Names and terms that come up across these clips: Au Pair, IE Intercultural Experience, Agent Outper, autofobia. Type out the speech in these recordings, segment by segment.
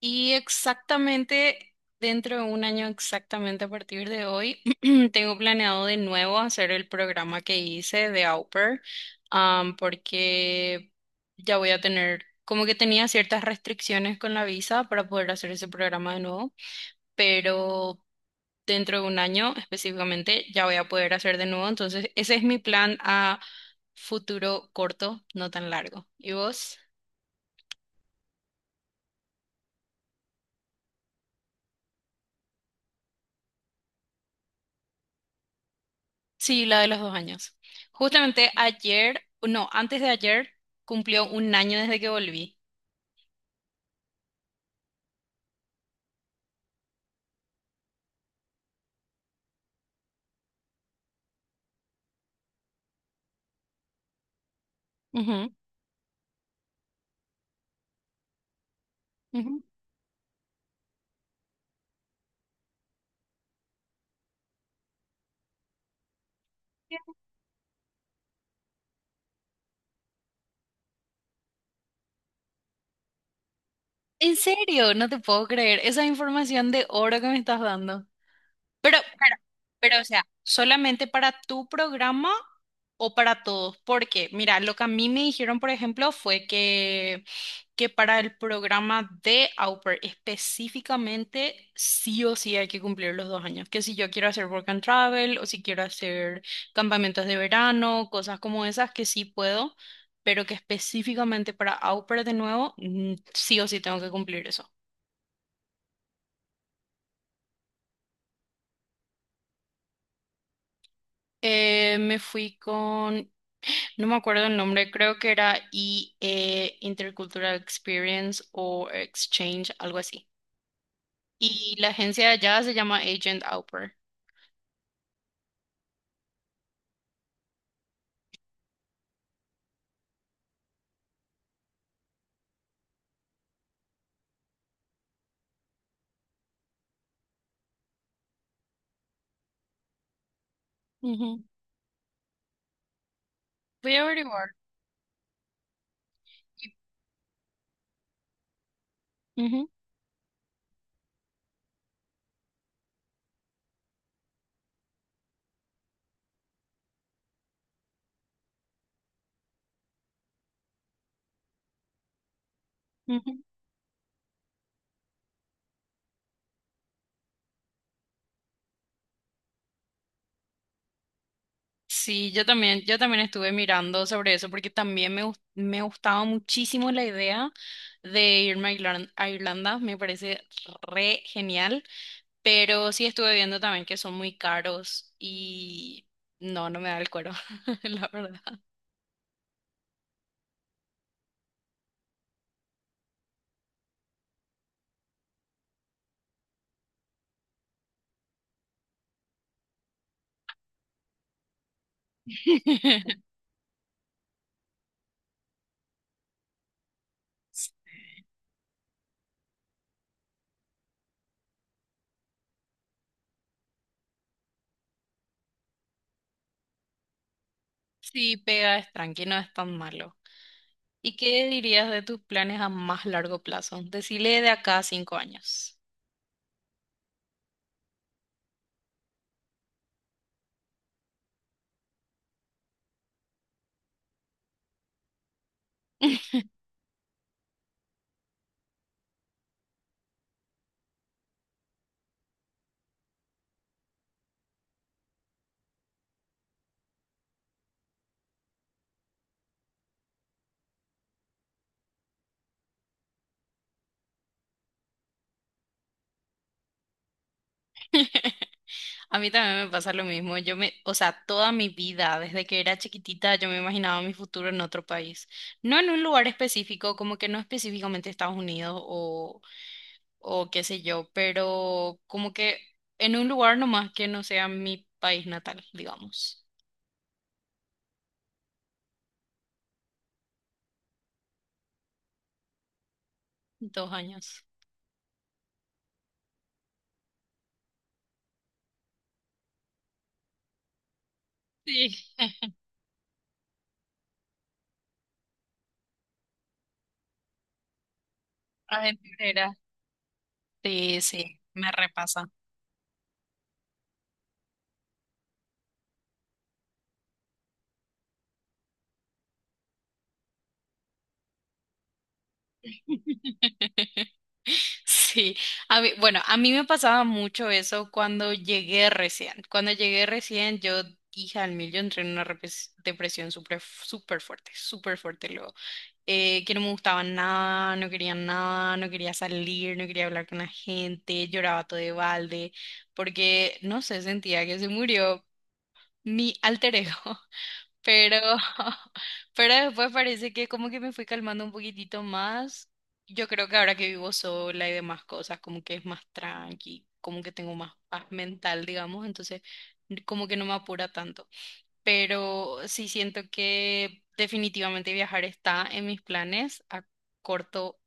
Y exactamente dentro de un año, exactamente a partir de hoy, tengo planeado de nuevo hacer el programa que hice de Au Pair, porque ya voy a tener, como que tenía ciertas restricciones con la visa para poder hacer ese programa de nuevo, pero dentro de un año específicamente ya voy a poder hacer de nuevo. Entonces, ese es mi plan a futuro corto, no tan largo. ¿Y vos? Sí, la de los 2 años. Justamente ayer, no, antes de ayer, cumplió un año desde que volví. Ujú, ujú. ¿En serio? No te puedo creer. Esa información de oro que me estás dando. Pero, pero, pero, o sea, ¿solamente para tu programa o para todos? Porque, mira, lo que a mí me dijeron, por ejemplo, fue que para el programa de Au Pair específicamente, sí o sí hay que cumplir los 2 años. Que si yo quiero hacer work and travel o si quiero hacer campamentos de verano, cosas como esas, que sí puedo, pero que específicamente para Au Pair de nuevo, sí o sí tengo que cumplir eso. Me fui con no me acuerdo el nombre, creo que era IE Intercultural Experience o Exchange, algo así. Y la agencia de allá se llama Agent Outper. Ujú. Voy a averiguar. Ujú, ujú. Sí, yo también estuve mirando sobre eso porque también me gustaba muchísimo la idea de irme a Irlanda, me parece re genial, pero sí estuve viendo también que son muy caros y no me da el cuero, la verdad. Sí, pega, es tranqui, no es tan malo. ¿Y qué dirías de tus planes a más largo plazo? Decile de acá a 5 años. A mí también me pasa lo mismo. Yo me, o sea, toda mi vida, desde que era chiquitita, yo me imaginaba mi futuro en otro país. No en un lugar específico, como que no específicamente Estados Unidos o qué sé yo, pero como que en un lugar nomás que no sea mi país natal, digamos. 2 años. Sí, Argentina era. Sí, sí, me repasa. Sí, a mí, bueno, a mí me pasaba mucho eso cuando llegué recién. Cuando llegué recién, yo, hija al mil, yo entré en una repres- depresión súper súper fuerte luego. Que no me gustaba nada, no quería nada, no quería salir, no quería hablar con la gente, lloraba todo de balde, porque, no sé, sentía que se murió mi alter ego. Pero, pero después parece que como que me fui calmando un poquitito más. Yo creo que ahora que vivo sola y demás cosas, como que es más tranqui, como que tengo más paz mental, digamos, entonces como que no me apura tanto. Pero sí siento que definitivamente viajar está en mis planes a corto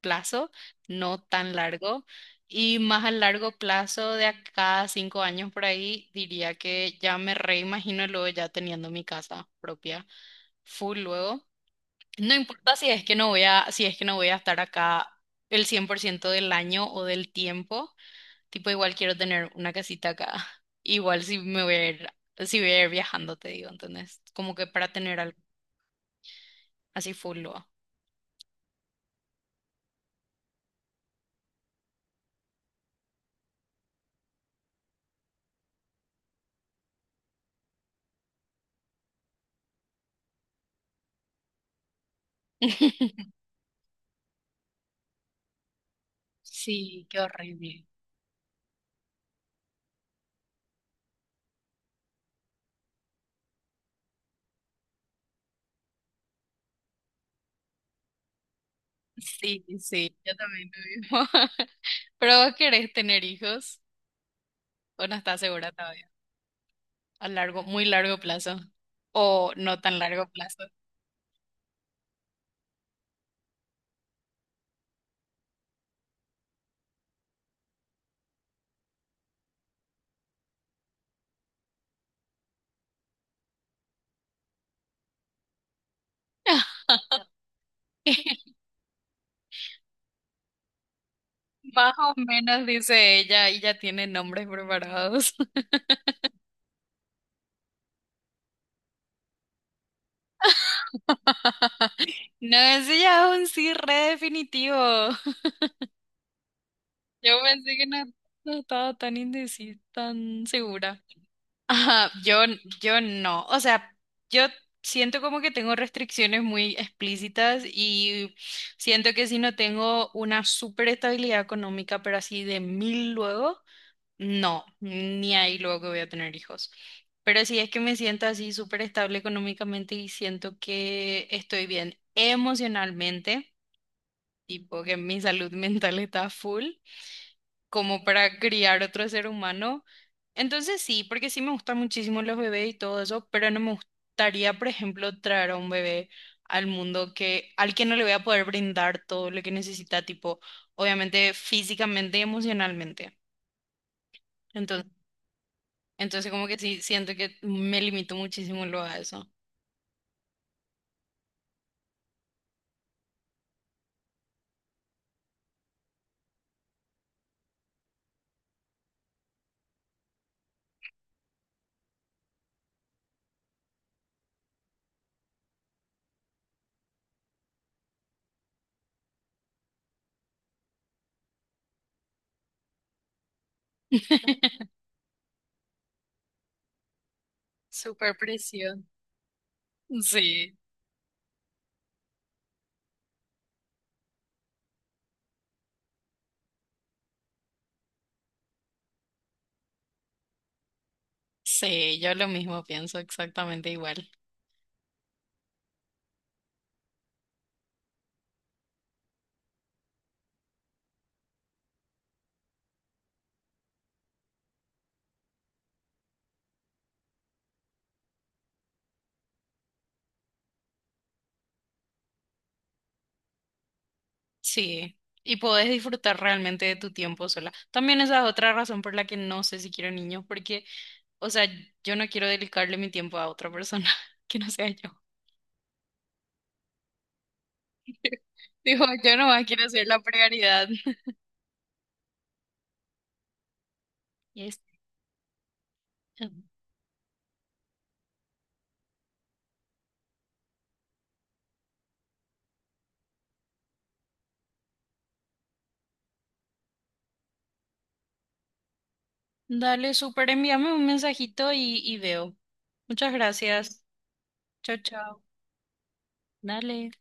plazo, no tan largo. Y más a largo plazo, de acá a cinco años por ahí, diría que ya me reimagino luego ya teniendo mi casa propia, full luego. No importa si es que no voy a, si es que no voy a estar acá el 100% del año o del tiempo, tipo igual quiero tener una casita acá. Igual si me voy a ir, si voy a ir viajando, te digo, ¿entendés? Como que para tener algo así full luego. Sí, qué horrible. Sí, sí, yo también lo mismo. ¿Pero vos querés tener hijos o no estás segura todavía? A largo, muy largo plazo o no tan largo plazo. Más o menos dice ella y ya tiene nombres preparados. No, ese ya es un sí re definitivo. Yo pensé que no, no estaba tan indecisa, tan segura. Ajá, yo no. O sea, yo siento como que tengo restricciones muy explícitas y siento que si no tengo una súper estabilidad económica, pero así de mil luego, no, ni ahí luego que voy a tener hijos. Pero si es que me siento así súper estable económicamente y siento que estoy bien emocionalmente, tipo que mi salud mental está full como para criar otro ser humano. Entonces sí, porque sí me gustan muchísimo los bebés y todo eso, pero no me gustaría, por ejemplo, traer a un bebé al mundo que, al que no le voy a poder brindar todo lo que necesita, tipo, obviamente físicamente y emocionalmente. Entonces, entonces como que sí, siento que me limito muchísimo luego a eso. Super presión. Sí, sí, yo lo mismo pienso exactamente igual. Sí, y podés disfrutar realmente de tu tiempo sola. También esa es otra razón por la que no sé si quiero niños, porque, o sea, yo no quiero dedicarle mi tiempo a otra persona que no sea yo. Digo, yo nomás quiero ser la prioridad. Y es- Dale, súper, envíame un mensajito y veo. Muchas gracias. Chao, chao. Dale.